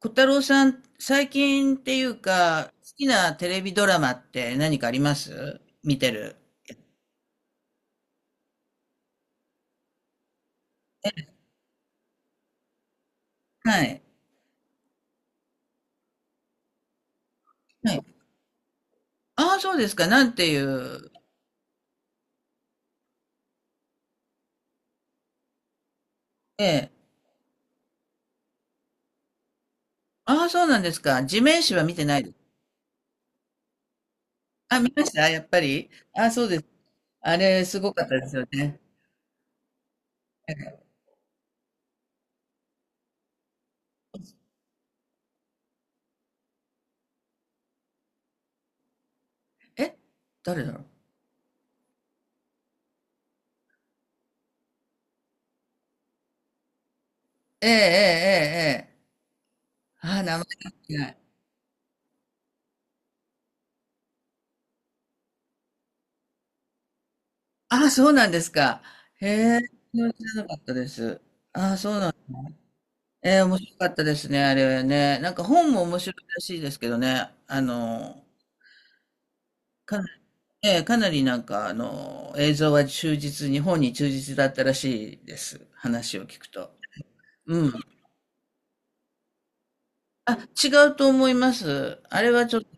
小太郎さん、最近っていうか、好きなテレビドラマって何かあります、見てる？え、はい。はい。ああ、そうですか。なんていう。ええ。ああ、そうなんですか。地面師は見てないです。あ、見ましたやっぱり。ああ、そうです。あれ、すごかったですよね。え、え、誰だろう。ええ、ええ、ええ。ああ、名前が出てない。ああ、そうなんですか。へえ、知らなかったです。ああ、そう。ええ、面白かったですね、あれはね。なんか本も面白いらしいですけどね。かなり、ええ、かなりなんか映像は忠実に、本に忠実だったらしいです。話を聞くと。うん。あ、違うと思います。あれはちょっと、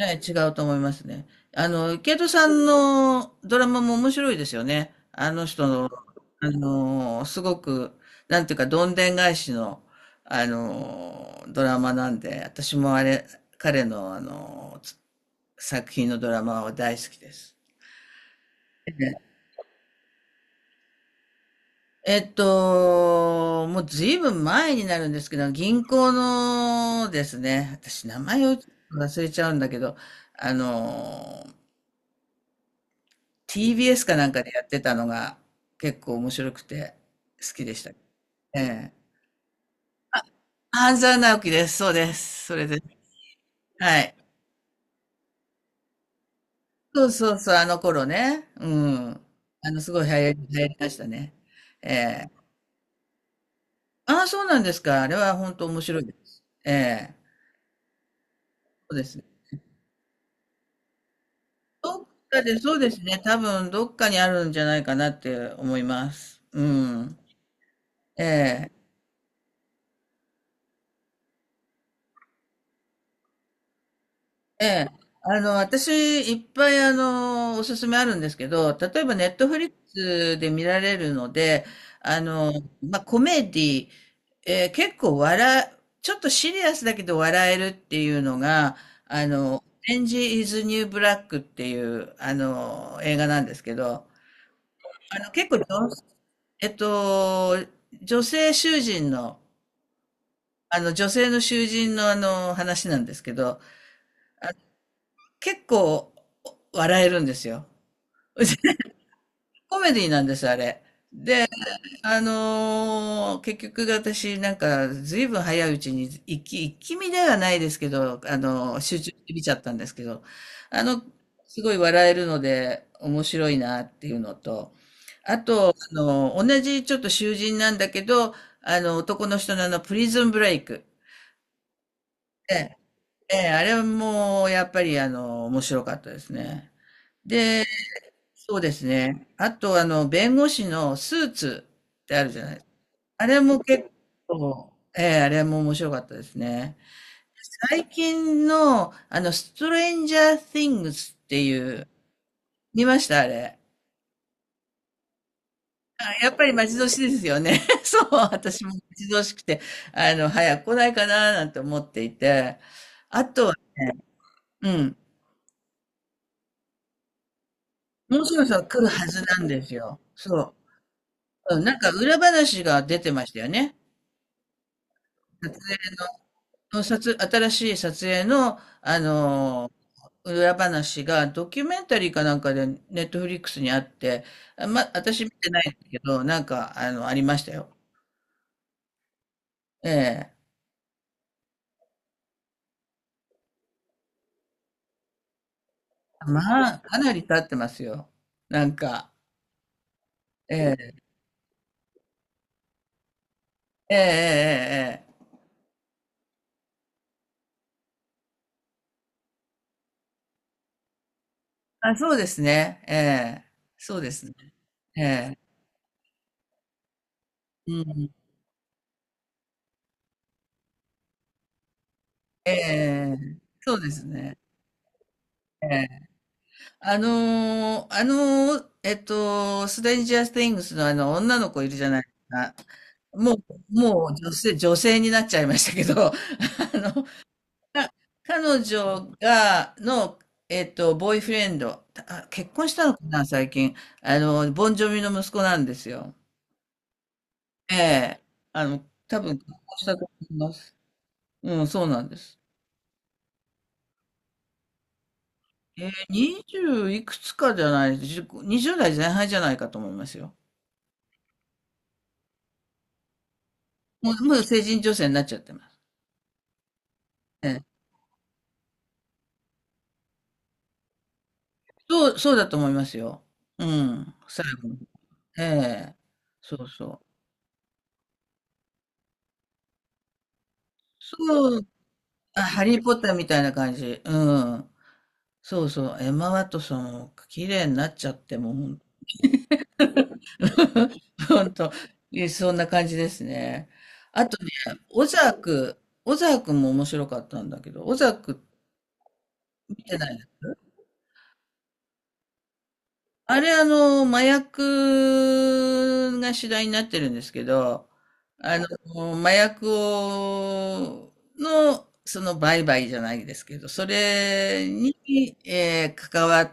ええ、違うと思いますね。ケイトさんのドラマも面白いですよね。あの人の、すごく、なんていうか、どんでん返しの、ドラマなんで、私もあれ、彼の、作品のドラマは大好きです。もうずいぶん前になるんですけど、銀行のですね、私名前を忘れちゃうんだけど、あの、TBS かなんかでやってたのが結構面白くて好きでした。ええ。半沢直樹です。そうです。それです。はい。そうそうそう、あの頃ね。うん。すごい流行りましたね。ええ。ああ、そうなんですか。あれは本当面白いです。ええ。そうですね。どっかで、そうですね、多分どっかにあるんじゃないかなって思います。うん。ええ、ええ。私、いっぱい、おすすめあるんですけど、例えば、ネットフリックスで見られるので、あの、まあ、コメディ、結構笑う、ちょっとシリアスだけど笑えるっていうのが、オレンジ・イズ・ニュー・ブラックっていう、映画なんですけど、あの、結構女えっと、女性囚人の、女性の囚人のあの、話なんですけど、結構笑えるんですよ。コメディなんです、あれ。で、結局私なんか随分早いうちに一気見ではないですけど、集中して見ちゃったんですけど、あの、すごい笑えるので面白いなっていうのと、あと、同じちょっと囚人なんだけど、男の人のあの、プリズンブレイク。ええ、ええ、あれはもう、やっぱり、面白かったですね。で、そうですね。あと、弁護士のスーツってあるじゃない、あれも結構、ええ、あれも面白かったですね。最近の、ストレンジャー・シングスっていう、見ましたあれ。あ、やっぱり待ち遠しいですよね。そう、私も待ち遠しくて、早く来ないかななんて思っていて。あとはね、うん、もうそろそろ来るはずなんですよ。そう。うん、なんか裏話が出てましたよね。撮影の、の撮、新しい撮影の、あの裏話がドキュメンタリーかなんかでネットフリックスにあって、私見てないんだけど、なんか、ありましたよ。ええ。まあ、かなり経ってますよ。なんか、ええ、ええ、ええ、ええ。あ、そうですね。ええ、そうですね。ええ、うん、ええ、そうですね。ええ、あのーあのストレンジャー・テイングスのあの、女の子いるじゃないですか。もう、もう女性、女性になっちゃいましたけど、あの、か彼女が、ボーイフレンド、あ、結婚したのかな、最近。ボンジョビの息子なんですよ。ええ。多分、結婚したと思います。うん、そうなんです。20いくつかじゃない、10 2代前半じゃないかと思いますよ。もう成人女性になっちゃってます。ええ、そう、そうだと思いますよ。うん、最後に。ええ、そうそう。そう、あ、ハリー・ポッターみたいな感じ。うん。そうそう、エマ・ワトソンも綺麗になっちゃって、もうほんと、そんな感じですね。あとね、オザーク、オザークも面白かったんだけど、オザーク見てない？あれ、麻薬が主題になってるんですけど、あ麻薬を、その売買じゃないですけど、それに、関わっ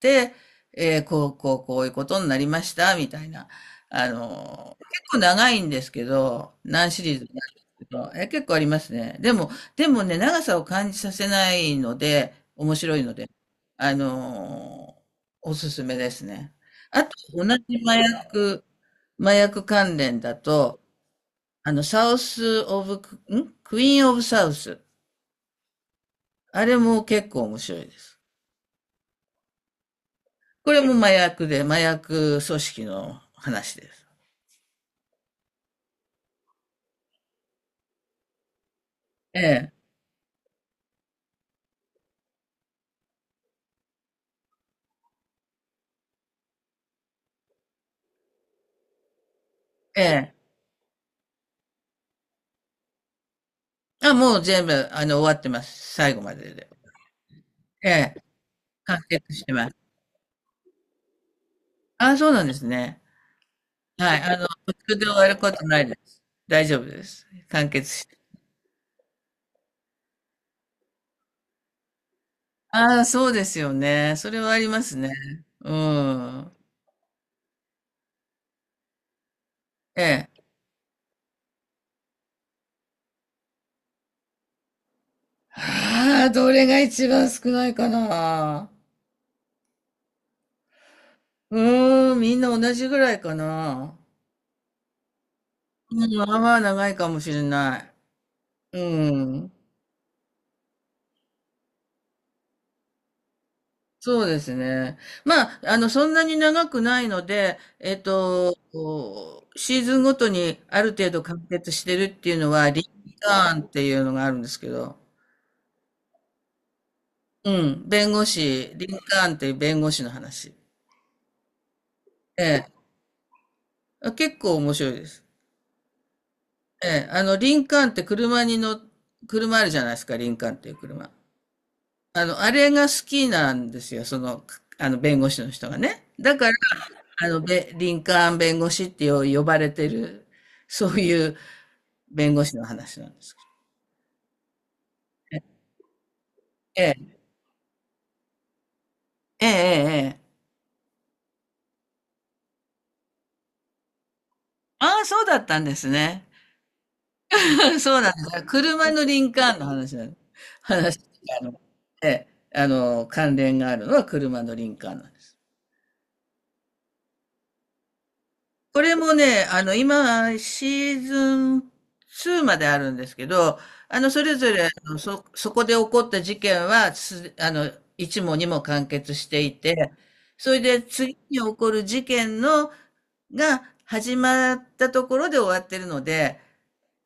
て、こういうことになりました、みたいな。結構長いんですけど、何シリーズもあるんですけど、結構ありますね。でもね、長さを感じさせないので、面白いので。あのーおすすめですね。あと、同じ麻薬関連だと、あの、サウス・オブ、んクイーン・オブ・サウス。あれも結構面白いです。これも麻薬で、麻薬組織の話です。ええ、ええ。あ、もう全部、終わってます。最後までで。ええ、完結してます。あ、そうなんですね。はい。途中で終わることないです。大丈夫です。完結して。ああ、そうですよね。それはありますね。うん。ええ。ああ、どれが一番少ないかな。うーん、みんな同じぐらいかな。うん、まあまあ長いかもしれない。うん。そうですね。まあ、そんなに長くないので、こうシーズンごとにある程度完結してるっていうのは、リンカーンっていうのがあるんですけど、うん、弁護士、リンカーンっていう弁護士の話。あ、結構面白いです。ええ、リンカーンって車に乗っ、車あるじゃないですか、リンカーンっていう車。あれが好きなんですよ、弁護士の人がね。だから、リンカーン弁護士って呼ばれてる、そういう弁護士の話なんですけど。ええ、ええ、ええ。ああ、そうだったんですね。そうなんです。車のリンカーンの話なの。話、あの、ええ、関連があるのは車のリンカーンなんです。これもね、今、シーズン2まであるんですけど、それぞれ、そこで起こった事件は、す、あの、1もにも完結していて、それで次に起こる事件が始まったところで終わってるので、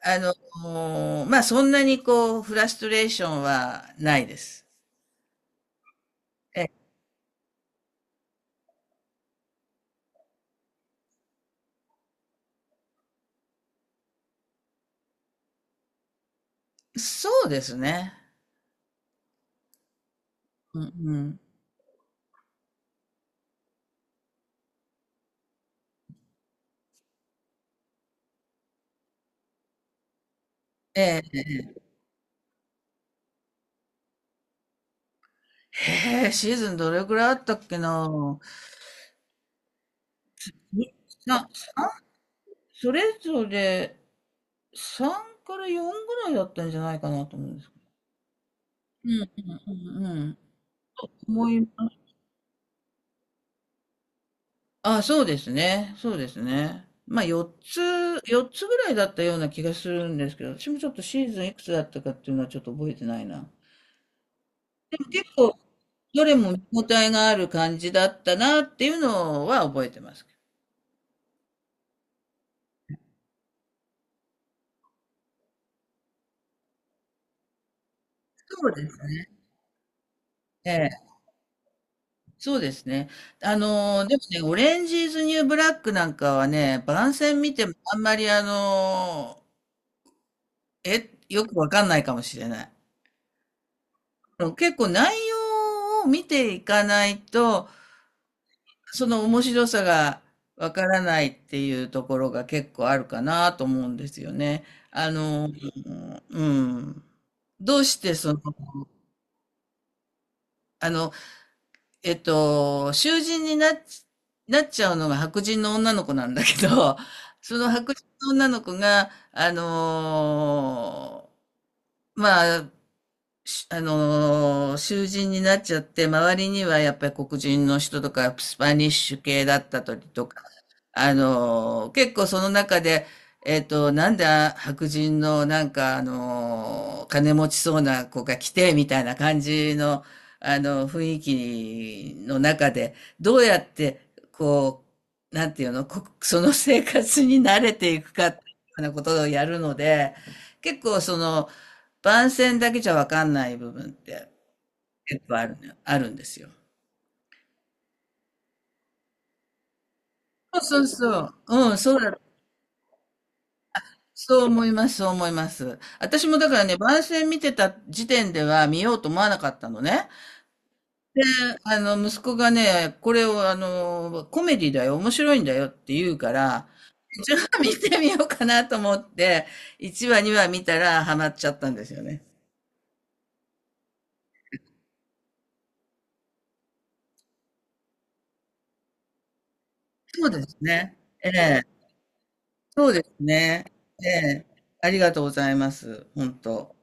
あの、もうまあ、そんなにこう、フラストレーションはないです。え、そうですね。うん、うん。ええ。へえ、シーズンどれくらいあったっけな。に3それぞれ3から4ぐらいだったんじゃないかなと思うんですけど。うんうんうんうん。思います。あ、そうですね。そうですね。まあ4つぐらいだったような気がするんですけど、私もちょっとシーズンいくつだったかっていうのはちょっと覚えてないな。でも結構、どれも見応えがある感じだったなっていうのは覚えてますけど。そうですね。そうですね。でもね、オレンジーズニューブラックなんかはね、番宣見てもあんまりよくわかんないかもしれない。結構内容を見ていかないと、その面白さがわからないっていうところが結構あるかなと思うんですよね。うん。どうしてあの、囚人になっちゃうのが白人の女の子なんだけど、その白人の女の子が、まあ、しあのー囚人になっちゃって、周りにはやっぱり黒人の人とか、スパニッシュ系だったりとか、結構その中で、なんで白人のなんか、金持ちそうな子が来て、みたいな感じの、雰囲気の中で、どうやって、こう、なんていうの、その生活に慣れていくかっていうようなことをやるので、結構その、番宣だけじゃわかんない部分って結構あるね、あるんですよ。そうそうそう。うん、そうだ。そう思います、そう思います。私もだからね、番宣見てた時点では見ようと思わなかったのね。で、息子がね、これをコメディだよ、面白いんだよって言うから、じゃあ見てみようかなと思って、1話、2話見たらハマっちゃったんですよね。そうですね。ええ、そうですね。ええ、ありがとうございます。本当。